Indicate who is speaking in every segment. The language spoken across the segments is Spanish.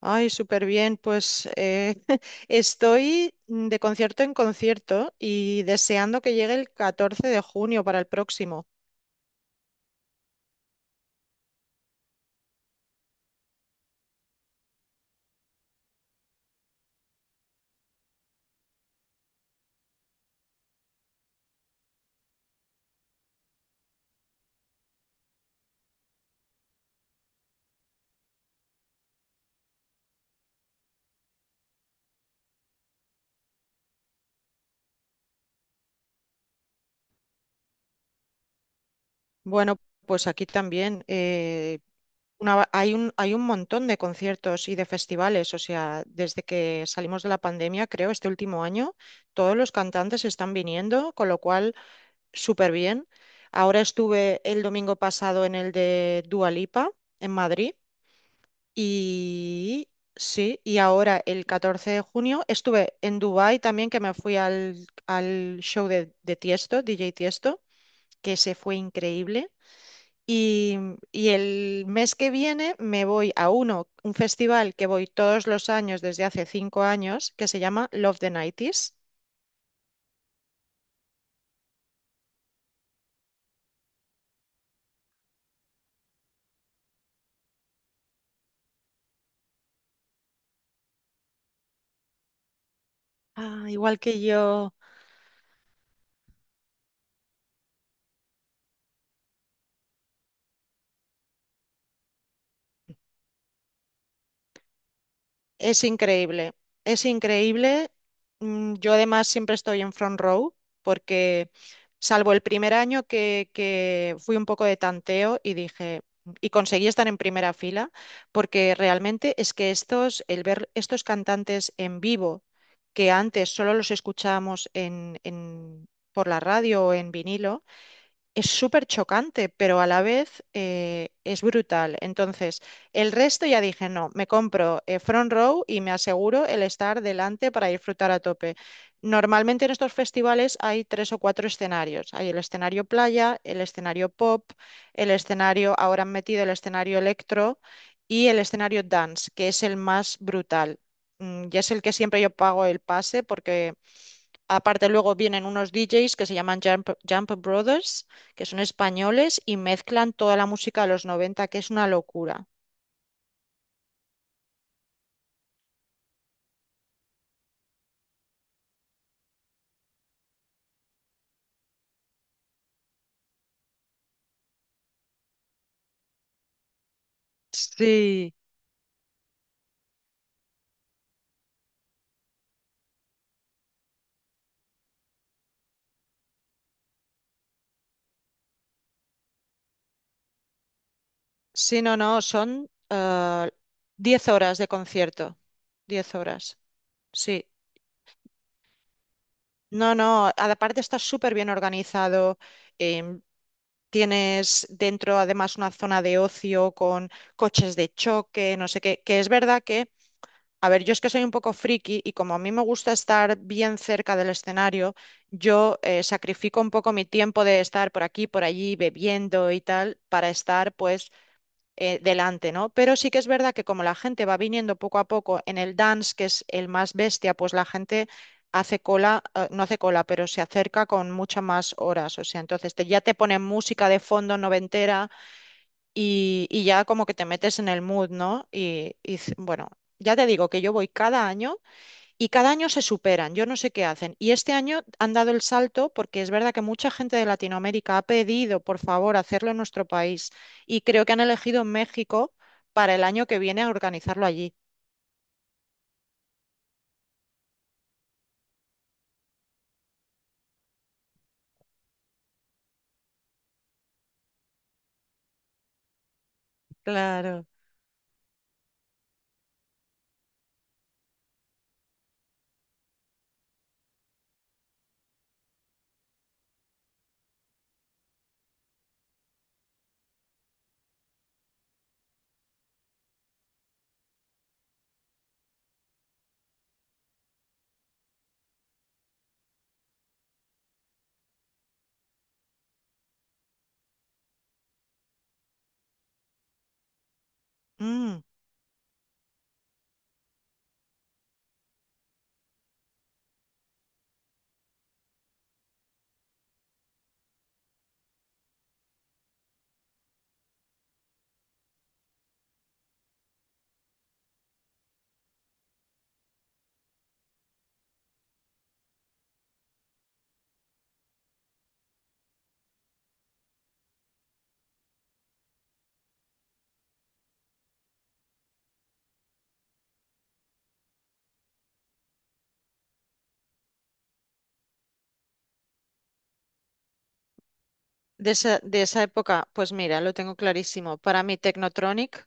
Speaker 1: Ay, súper bien. Pues estoy de concierto en concierto y deseando que llegue el 14 de junio para el próximo. Bueno, pues aquí también hay un montón de conciertos y de festivales. O sea, desde que salimos de la pandemia, creo, este último año, todos los cantantes están viniendo, con lo cual, súper bien. Ahora estuve el domingo pasado en el de Dua Lipa, en Madrid. Y sí, y ahora el 14 de junio estuve en Dubái también, que me fui al show de Tiesto, DJ Tiesto, que se fue increíble. Y, y el mes que viene me voy a un festival que voy todos los años desde hace 5 años, que se llama Love the 90. Ah, igual que yo. Es increíble, es increíble. Yo además siempre estoy en front row porque salvo el primer año que fui un poco de tanteo y dije, y conseguí estar en primera fila, porque realmente es que estos, el ver estos cantantes en vivo, que antes solo los escuchábamos en, por la radio o en vinilo, es súper chocante, pero a la vez es brutal. Entonces, el resto ya dije, no, me compro Front Row y me aseguro el estar delante para disfrutar a tope. Normalmente en estos festivales hay tres o cuatro escenarios. Hay el escenario playa, el escenario pop, ahora han metido el escenario electro y el escenario dance, que es el más brutal. Y es el que siempre yo pago el pase, porque aparte luego vienen unos DJs que se llaman Jump Brothers, que son españoles y mezclan toda la música de los 90, que es una locura. Sí. Sí, no, no, son 10 horas de concierto. Diez horas, sí. No, no, aparte está súper bien organizado. em, Tienes dentro además una zona de ocio con coches de choque, no sé qué, que es verdad que... A ver, yo es que soy un poco friki, y como a mí me gusta estar bien cerca del escenario, yo sacrifico un poco mi tiempo de estar por aquí, por allí, bebiendo y tal, para estar pues delante, ¿no? Pero sí que es verdad que, como la gente va viniendo poco a poco en el dance, que es el más bestia, pues la gente hace cola, no hace cola, pero se acerca con muchas más horas. O sea, entonces ya te ponen música de fondo noventera y, ya como que te metes en el mood, ¿no? Bueno, ya te digo que yo voy cada año y cada año se superan, yo no sé qué hacen. Y este año han dado el salto porque es verdad que mucha gente de Latinoamérica ha pedido, por favor, hacerlo en nuestro país, y creo que han elegido México para el año que viene a organizarlo allí. Claro. Mm, de esa época, pues mira, lo tengo clarísimo. Para mí, Technotronic.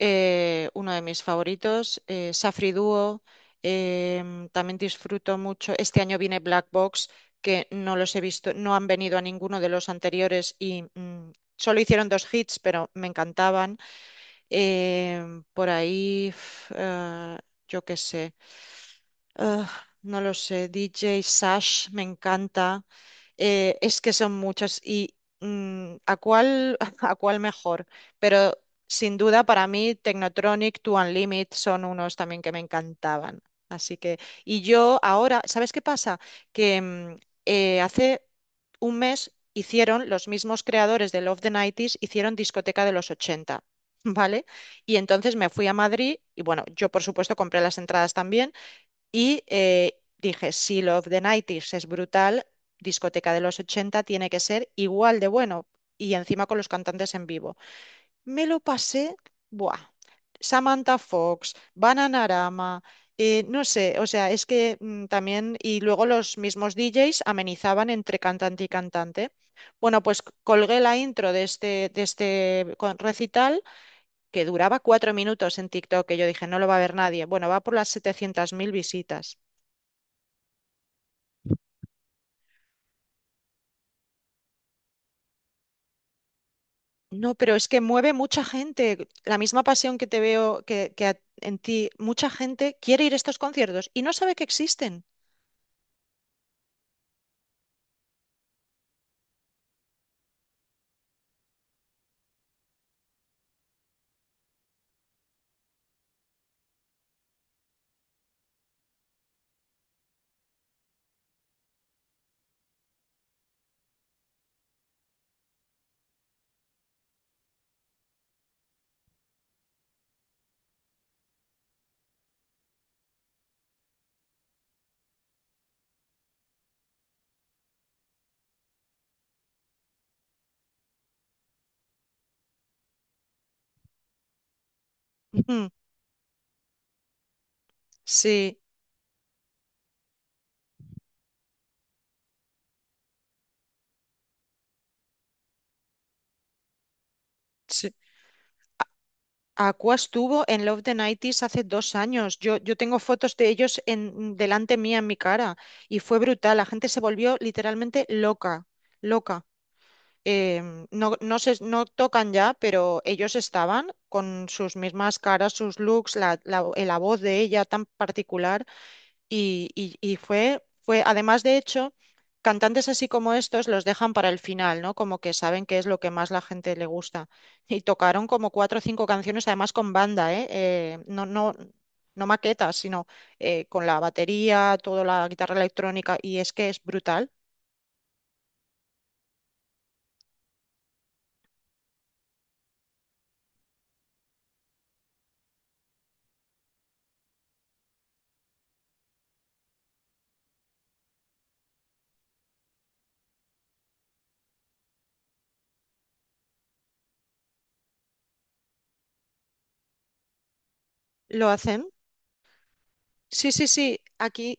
Speaker 1: Uno de mis favoritos, Safri Duo. También disfruto mucho. Este año viene Black Box, que no los he visto, no han venido a ninguno de los anteriores, y solo hicieron dos hits, pero me encantaban. Por ahí, yo qué sé. Ah, no lo sé, DJ Sash me encanta. Es que son muchos, y ¿a cuál, a cuál mejor? Pero sin duda, para mí, Technotronic, Two Unlimited son unos también que me encantaban. Así que, y yo ahora, ¿sabes qué pasa? Que hace un mes hicieron los mismos creadores de Love the 90, hicieron discoteca de los 80, ¿vale? Y entonces me fui a Madrid y, bueno, yo, por supuesto, compré las entradas también, y dije, si Love the 90 es brutal, discoteca de los 80 tiene que ser igual de bueno. Y encima con los cantantes en vivo. Me lo pasé, buah. Samantha Fox, Bananarama, no sé, o sea, es que también, y luego los mismos DJs amenizaban entre cantante y cantante. Bueno, pues colgué la intro de este recital, que duraba 4 minutos, en TikTok, que yo dije, no lo va a ver nadie. Bueno, va por las 700.000 visitas. No, pero es que mueve mucha gente. La misma pasión que te veo, que, en ti, mucha gente quiere ir a estos conciertos y no sabe que existen. Ujú. Sí, sí. Aqua estuvo en Love the 90 hace 2 años. Yo tengo fotos de ellos delante mía, en mi cara, y fue brutal. La gente se volvió literalmente loca, loca. No, no, no tocan ya, pero ellos estaban con sus mismas caras, sus looks, la voz de ella tan particular. Y, y fue, además, de hecho, cantantes así como estos los dejan para el final, ¿no? Como que saben qué es lo que más la gente. Le gusta. Y tocaron como cuatro o cinco canciones, además con banda, ¿eh? No, no, no maquetas, sino con la batería, toda la guitarra electrónica, y es que es brutal. ¿Lo hacen? Sí, sí, sí, aquí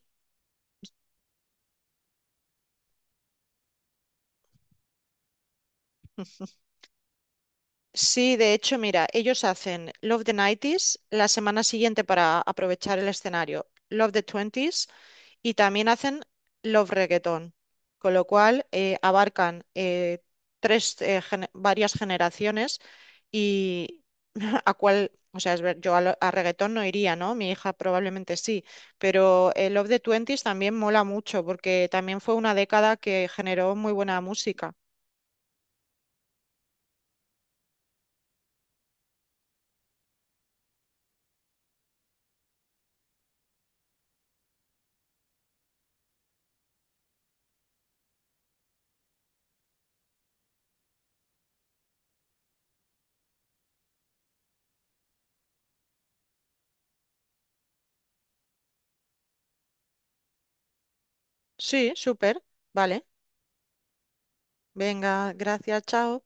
Speaker 1: sí. De hecho, mira, ellos hacen Love the 90s la semana siguiente para aprovechar el escenario, Love the 20s, y también hacen love reggaeton, con lo cual abarcan varias generaciones, y ¿a cuál? O sea, a reggaetón no iría, ¿no? Mi hija probablemente sí, pero el Love the Twenties también mola mucho porque también fue una década que generó muy buena música. Sí, súper, vale. Venga, gracias, chao.